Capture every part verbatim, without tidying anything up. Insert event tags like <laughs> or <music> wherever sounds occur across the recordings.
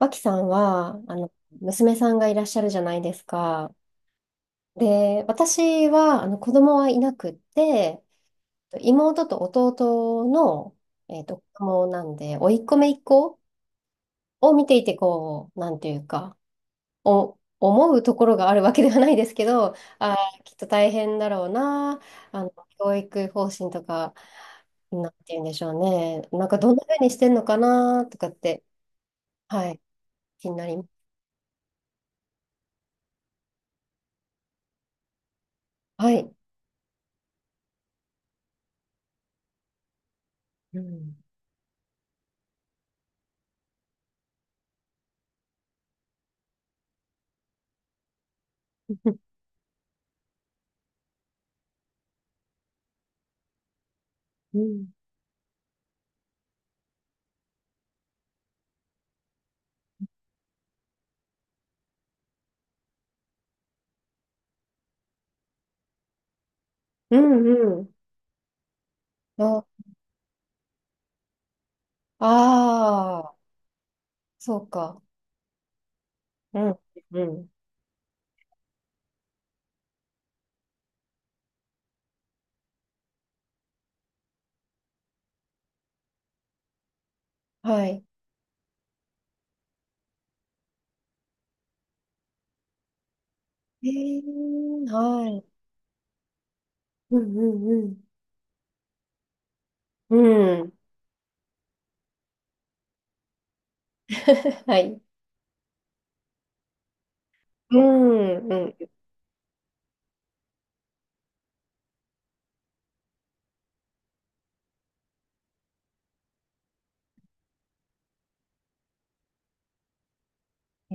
脇さんは、あの、娘さんがいらっしゃるじゃないですか。で、私は、あの、子供はいなくって、妹と弟の、えっと、子供なんで、甥っ子姪っ子を見ていて、こう、なんていうか、お、思うところがあるわけではないですけど、あー、きっと大変だろうな、あの、教育方針とか、なんて言うんでしょうね。なんか、どんな風にしてんのかな、とかって、はい、気になります。はい。うん。うんうんうん。あああ、そうか。うんうん。はい。えー、はい。うんうんうん。うん <laughs> はい。うんうんう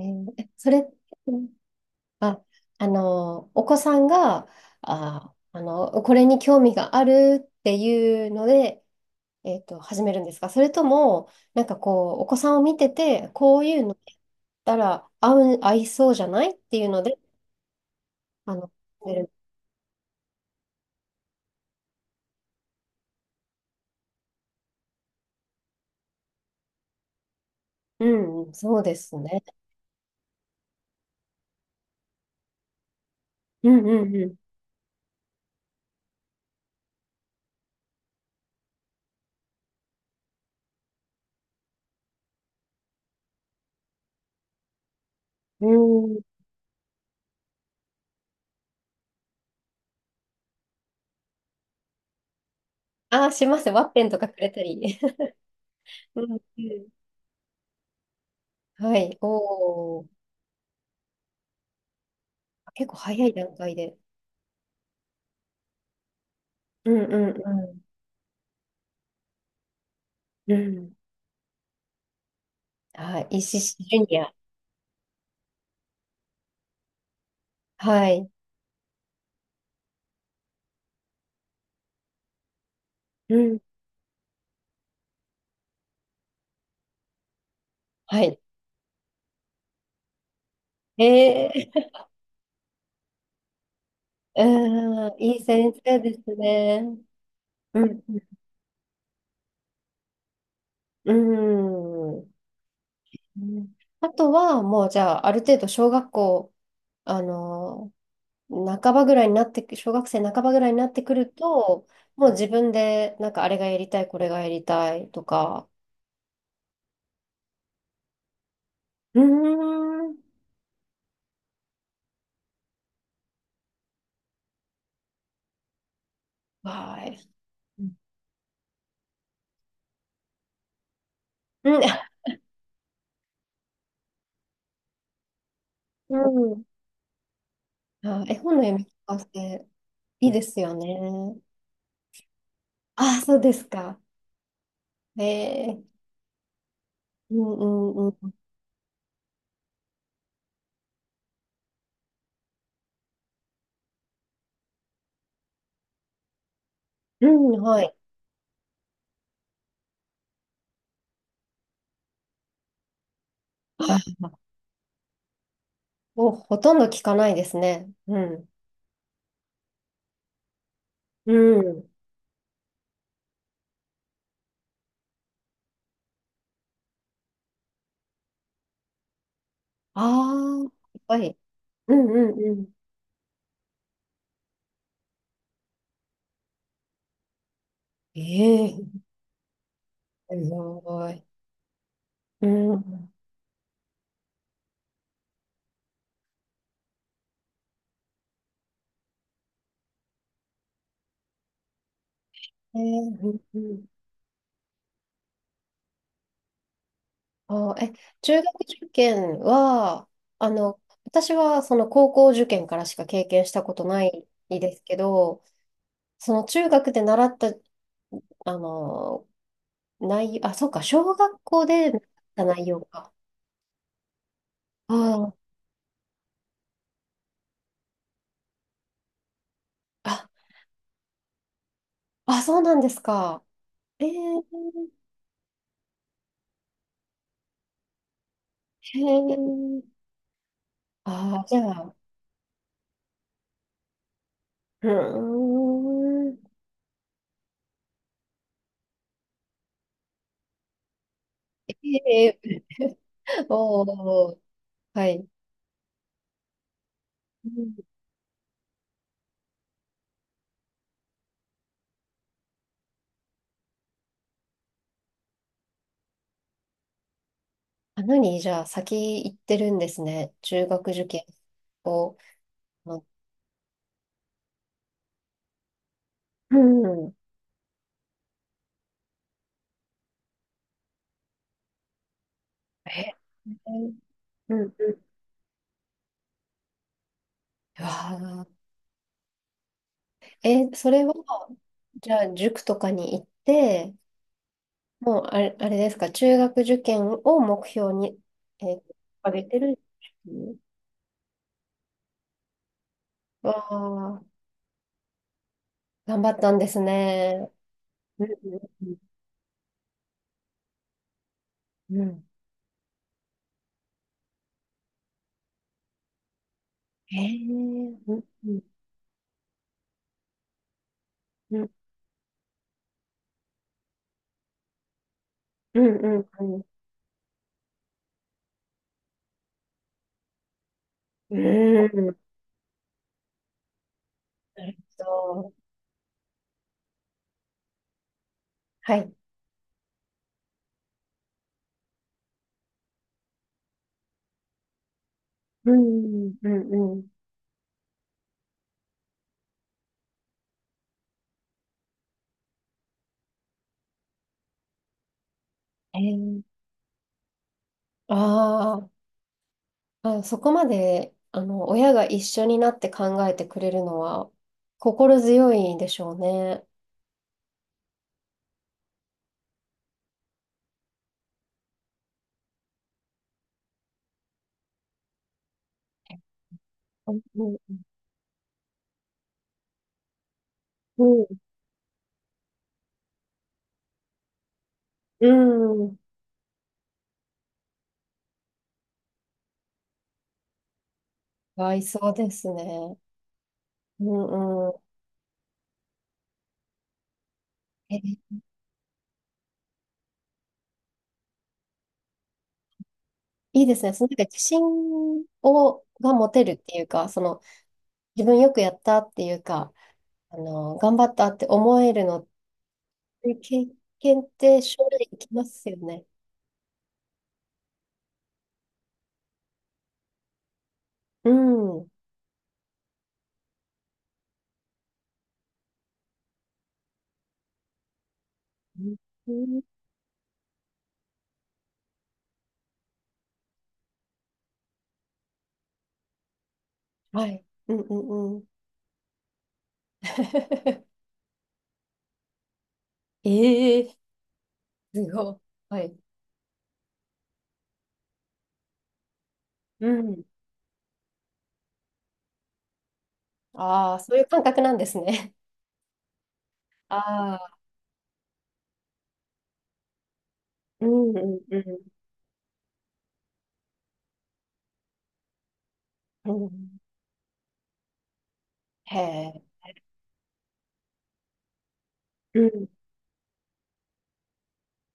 ん。えーえそれ、あ、あの、お子さんが、あ、あの、これに興味があるっていうので、えっと、始めるんですか、それとも、なんかこう、お子さんを見てて、こういうのやったら合う、合いそうじゃないっていうので、あの、うん、そうですね。うんうんうん。うん。ああ、します。ワッペンとかくれたり。<laughs> うんうん。はい。おお。結構早い段階で。うんうんうん。うん。はい。石師ジュニア。はい。うん。はい。えー、<laughs> うん、いい先生ですね。うん。うん。うん。あとは、もうじゃあ、ある程度小学校、あの半ばぐらいになってく、小学生半ばぐらいになってくると、もう自分で、なんかあれがやりたい、これがやりたいとか、うーん、はい。うん、うん。あ、絵本の読み聞かせ、いいですよね。あ、そうですか。ええ、うんうんうん。うん、はい。あ、もうほとんど聞かないですね。うん。うん。ああ、いっぱい。うんうんうん。ええ、すごい。うん。ええ、うんうん、あー、え、中学受験は、あの、私はその高校受験からしか経験したことないですけど、その中学で習った、あの、内容、あ、そうか、小学校で習った内容か。あーあ、あ、そうなんですか。えー、へー、あー、じゃあ、うーん、えー、<laughs> おー、はい。うん、あ、何じゃあ、先行ってるんですね。中学受験を。うん。え、うん。うん、わあ、え、それは、じゃあ、塾とかに行って、もうあれ、あれですか、中学受験を目標に、えー、上げてる。わあ、頑張ったんですね。うん。うん。うん。ええー、うん。うん。うん。うん。うんうん。うん。なるほど。はい。うん。うん。うん。ええー、ああ、あ、そこまで、あの、親が一緒になって考えてくれるのは心強いでしょうね。うんうんうん。合いそうですね。うんうん。え、いいですね。そのなんか自信を、が持てるっていうか、その自分よくやったっていうか、あの、頑張ったって思えるのって経験って将来生きますよね。うん。うん、はい。うんうんうん。<laughs> ええ、すごい。はい。うん。ああ、そういう感覚なんですね。<laughs> ああ、うんうんうん。うん。へえ。うん。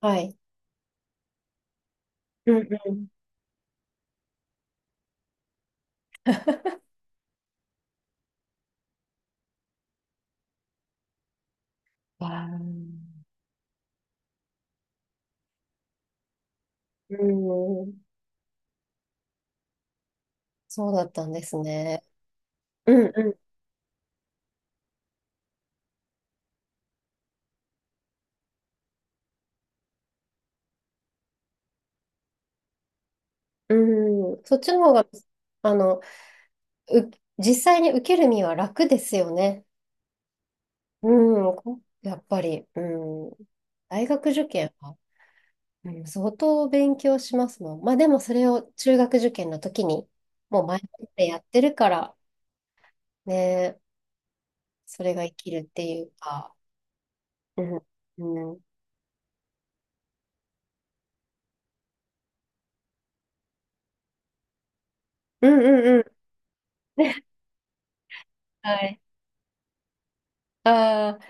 はい。うんうん。わー、うん。そうだったんですね。うんうん。うん。そっちの方が、あの、う、実際に受ける身は楽ですよね。うん。こやっぱり、うん。大学受験は、うん、相当勉強しますもん。まあでもそれを中学受験の時にもう前もってやってるからね、それが生きるっていうか。うん、うん、うんうんうん。<laughs> はい。あー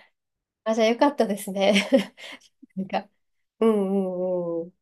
あ、じゃあよかったですね。<laughs> なんか、うんうんうん。